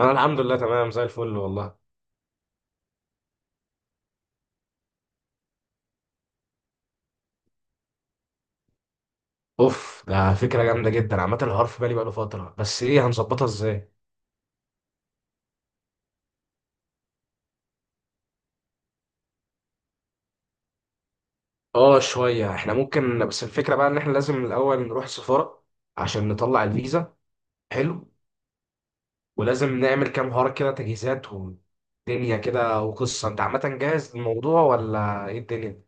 انا الحمد لله تمام زي الفل والله. اوف، ده فكره جامده جدا. عامه الحوار في بالي بقاله فتره، بس ايه هنظبطها ازاي؟ اه شويه. احنا ممكن، بس الفكره بقى ان احنا لازم الاول نروح السفاره عشان نطلع الفيزا. حلو، ولازم نعمل كام حوار كده، تجهيزات ودنيا كده وقصه. انت عامه جاهز للموضوع ولا ايه الدنيا؟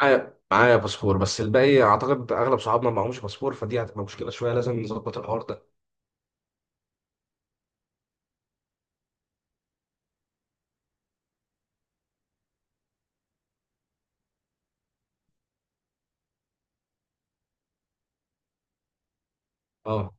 معايا باسبور، بس الباقي اعتقد اغلب صحابنا معهمش باسبور، فدي هتبقى مشكله شويه، لازم نظبط الحوار ده. اه،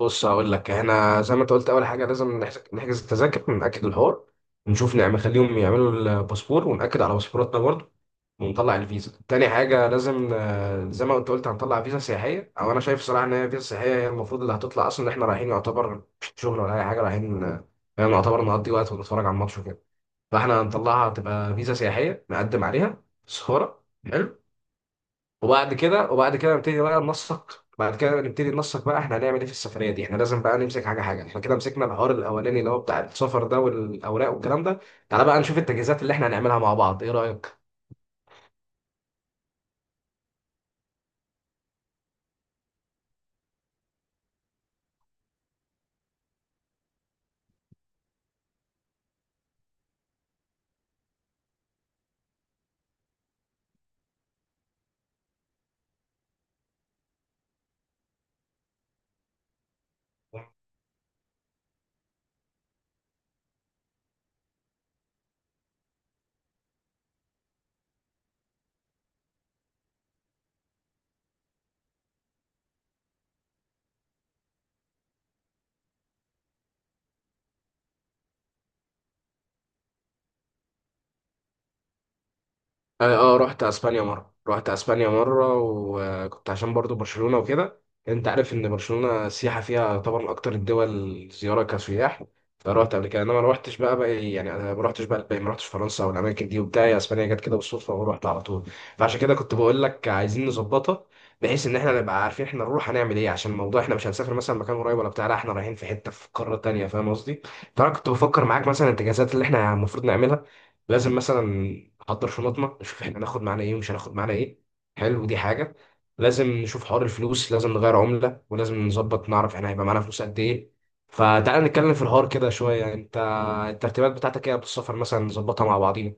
بص هقول لك، احنا زي ما انت قلت، اول حاجه لازم نحجز التذاكر ونأكد الحوار، ونشوف نعمل نخليهم يعملوا الباسبور ونأكد على باسبوراتنا برضه. ونطلع الفيزا تاني حاجه. لازم زي ما انت قلت هنطلع فيزا سياحيه. او انا شايف صراحه ان هي فيزا سياحيه هي المفروض اللي هتطلع اصلا، ان احنا رايحين يعتبر مش شغل ولا اي حاجه، رايحين يعني يعتبر نقضي وقت ونتفرج على الماتش وكده. فاحنا هنطلعها تبقى فيزا سياحيه نقدم عليها صورة. وبعد كده، وبعد كده نبتدي بقى ننسق بعد كده نبتدي ننسق بقى احنا هنعمل ايه في السفريه دي. احنا لازم بقى نمسك حاجه حاجه. احنا كده مسكنا الحوار الاولاني اللي هو بتاع السفر ده والاوراق والكلام ده. تعالى بقى نشوف التجهيزات اللي احنا هنعملها مع بعض، ايه رايك؟ اه رحت اسبانيا مره، وكنت عشان برضو برشلونه وكده. انت عارف ان برشلونه السياحه فيها طبعا اكتر الدول زياره كسياح، فرحت قبل كده. انما ما رحتش بقى يعني، انا ما رحتش بقى الباقي، ما رحتش فرنسا والاماكن دي وبتاع. هي اسبانيا جت كده بالصدفه ورحت على طول. فعشان كده كنت بقول لك عايزين نظبطها، بحيث ان احنا نبقى عارفين احنا نروح هنعمل ايه. عشان الموضوع احنا مش هنسافر مثلا مكان قريب ولا بتاع، لا احنا رايحين في حته في قاره تانيه، فاهم قصدي؟ فانا كنت بفكر معاك مثلا الاتجاهات اللي احنا المفروض نعملها. لازم مثلا نحضر شنطنا، نشوف احنا هناخد معانا ايه ومش هناخد معانا ايه، حلو دي حاجه. لازم نشوف حوار الفلوس، لازم نغير عمله، ولازم نظبط نعرف احنا هيبقى معانا فلوس قد ايه. فتعالى نتكلم في الحوار كده شويه. انت الترتيبات بتاعتك ايه قبل السفر، مثلا نظبطها مع بعضينا.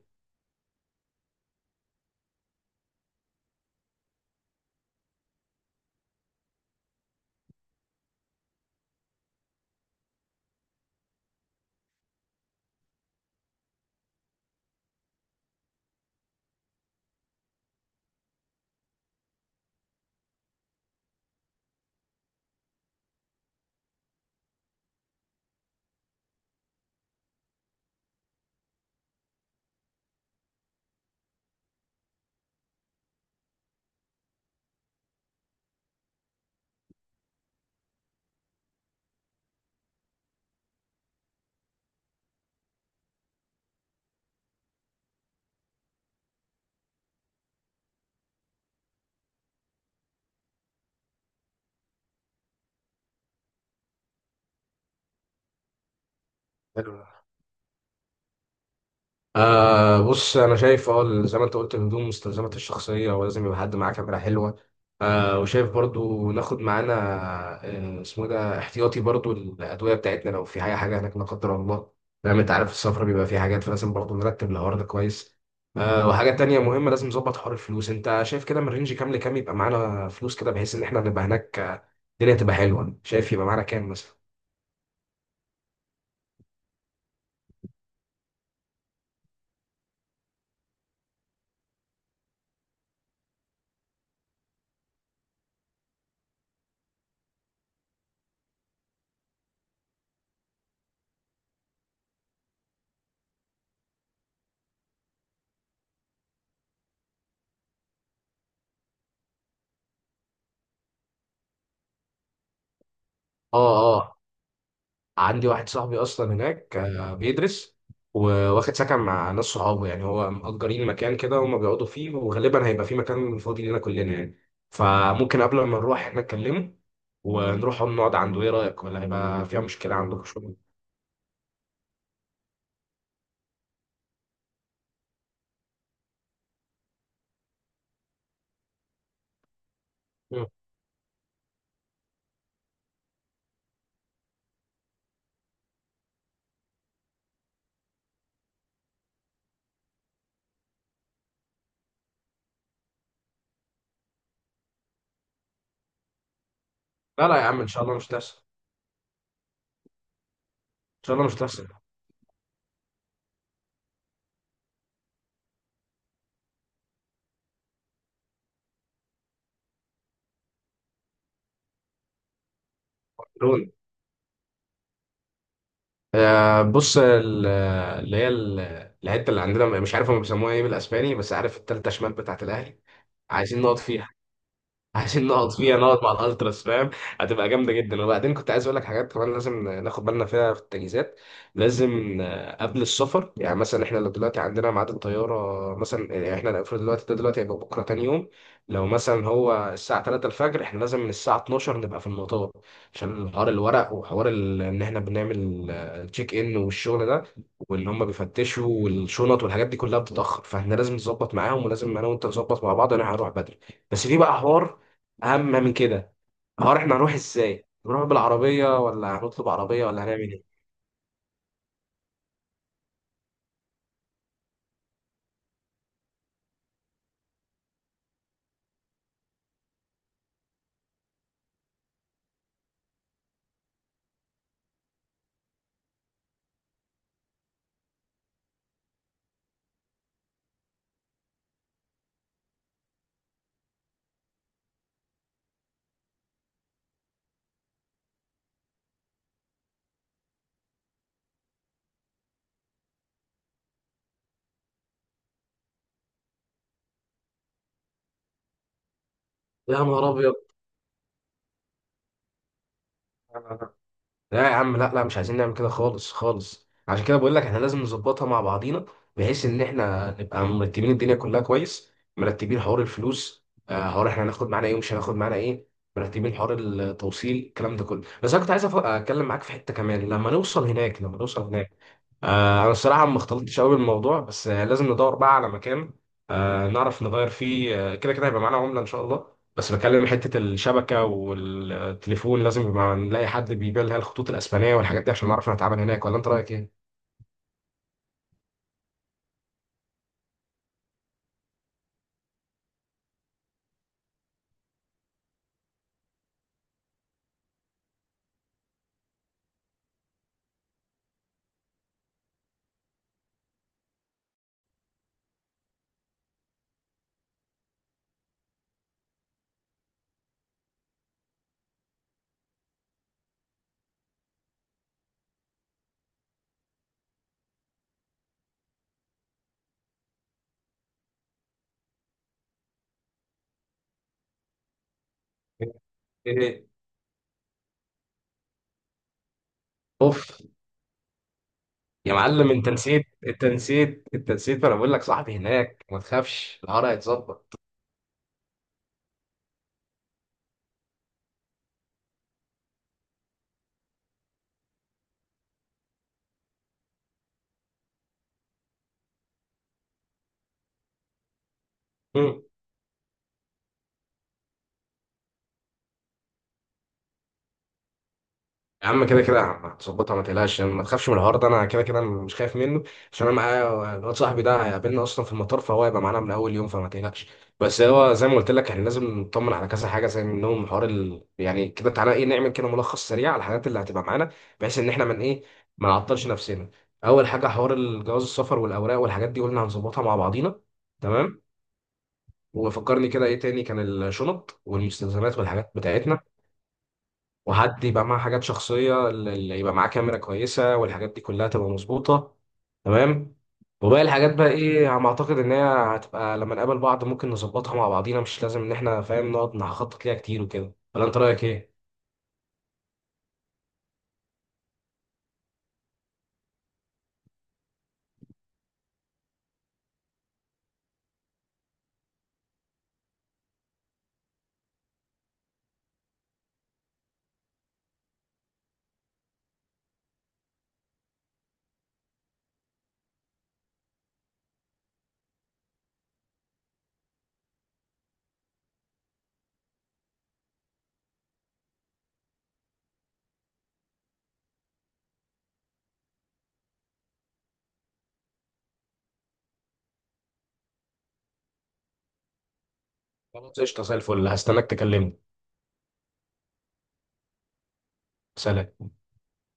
حلو. آه بص، انا شايف اه زي ما انت قلت، الهدوم، مستلزمات الشخصيه، ولازم يبقى حد معاه كاميرا حلوه. آه، وشايف برضو ناخد معانا آه اسمه إيه ده، احتياطي برضو الادويه بتاعتنا لو في حاجه هناك لا قدر الله. فاهم، انت عارف السفر بيبقى فيه حاجات، فلازم برضو نرتب الحوار ده كويس. آه، وحاجه تانية مهمه، لازم نظبط حوار الفلوس. انت شايف كده من رينج كام لكام يبقى معانا فلوس كده، بحيث ان احنا نبقى هناك الدنيا تبقى حلوه؟ شايف يبقى معانا كام مثلا؟ اه، عندي واحد صاحبي اصلا هناك بيدرس، وواخد سكن مع ناس صحابه، يعني هو مأجرين مكان كده وهم بيقعدوا فيه، وغالبا هيبقى في مكان فاضي لنا كلنا يعني. فممكن قبل ما نروح احنا نكلمه ونروح هم نقعد عنده، ايه رأيك؟ ولا هيبقى فيها مشكلة عندكم شغل؟ مم. لا لا يا عم، ان شاء الله مش تحصل، ان شاء الله مش تحصل. لون، بص اللي هي الحته اللي عندنا مش عارف هم بيسموها ايه بالاسباني، بس عارف التالتة شمال بتاعت الاهلي، عايزين نقعد فيها عشان نقعد فيها، نقعد مع الالتراس فاهم. هتبقى جامده جدا. وبعدين كنت عايز اقول لك حاجات كمان لازم ناخد بالنا فيها في التجهيزات. لازم قبل السفر، يعني مثلا احنا لو دلوقتي عندنا ميعاد الطياره مثلا، يعني احنا المفروض دلوقتي ده، دلوقتي هيبقى بكره تاني يوم، لو مثلا هو الساعه 3 الفجر، احنا لازم من الساعه 12 نبقى في المطار، عشان حوار الورق وحوار ان احنا بنعمل تشيك ان والشغل ده، واللي هم بيفتشوا والشنط والحاجات دي كلها بتتاخر. فاحنا لازم نظبط معاهم، ولازم انا وانت نظبط مع بعض، انا هروح بدري. بس في بقى حوار اهم من كده، هو احنا هنروح ازاي؟ نروح بالعربيه ولا هنطلب عربيه ولا هنعمل ايه؟ يا نهار ابيض. لا لا لا. لا يا عم، لا لا، مش عايزين نعمل كده خالص خالص. عشان كده بقول لك احنا لازم نظبطها مع بعضينا، بحيث ان احنا نبقى مرتبين الدنيا كلها كويس، مرتبين حوار الفلوس، حوار احنا هناخد معانا ايه ومش هناخد معانا ايه، مرتبين حوار التوصيل، الكلام ده كله. بس انا كنت عايز اتكلم معاك في حته كمان لما نوصل هناك. انا الصراحه ما اختلطتش قوي بالموضوع، بس لازم ندور بقى على مكان نعرف نغير فيه، آه، كده كده هيبقى معانا عمله ان شاء الله. بس بكلم حته الشبكه والتليفون، لازم يبقى نلاقي حد بيبيع لها الخطوط الاسبانيه والحاجات دي عشان نعرف نتعامل هناك، ولا انت رايك ايه؟ ايه؟ اوف، يا معلم انت نسيت انت نسيت، ما انا بقول لك صاحبي هناك، ما تخافش، العرق هيتظبط. يا عم كده كده هتظبطها، ما تقلقش ما تخافش من الحوار ده، انا كده كده مش خايف منه. عشان انا معايا الواد صاحبي ده، هيقابلنا اصلا في المطار، فهو هيبقى معانا من اول يوم، فما تقلقش. بس هو زي ما قلت لك، احنا لازم نطمن على كذا حاجه، زي منهم حوار يعني كده، تعالى ايه نعمل كده ملخص سريع على الحاجات اللي هتبقى معانا، بحيث ان احنا من ايه ما نعطلش نفسنا. اول حاجه حوار الجواز السفر والاوراق والحاجات دي قلنا هنظبطها مع بعضينا، تمام. وفكرني كده ايه تاني كان، الشنط والمستلزمات والحاجات بتاعتنا، وحد يبقى معاه حاجات شخصية، اللي يبقى معاه كاميرا كويسة، والحاجات دي كلها تبقى مظبوطة، تمام. وباقي الحاجات بقى ايه على ما اعتقد ان هي هتبقى لما نقابل بعض، ممكن نظبطها مع بعضينا، مش لازم ان احنا فاهم نقعد نخطط ليها كتير وكده، ولا انت رأيك ايه؟ خلاص قشطة زي الفل، هستناك تكلمني. سلام.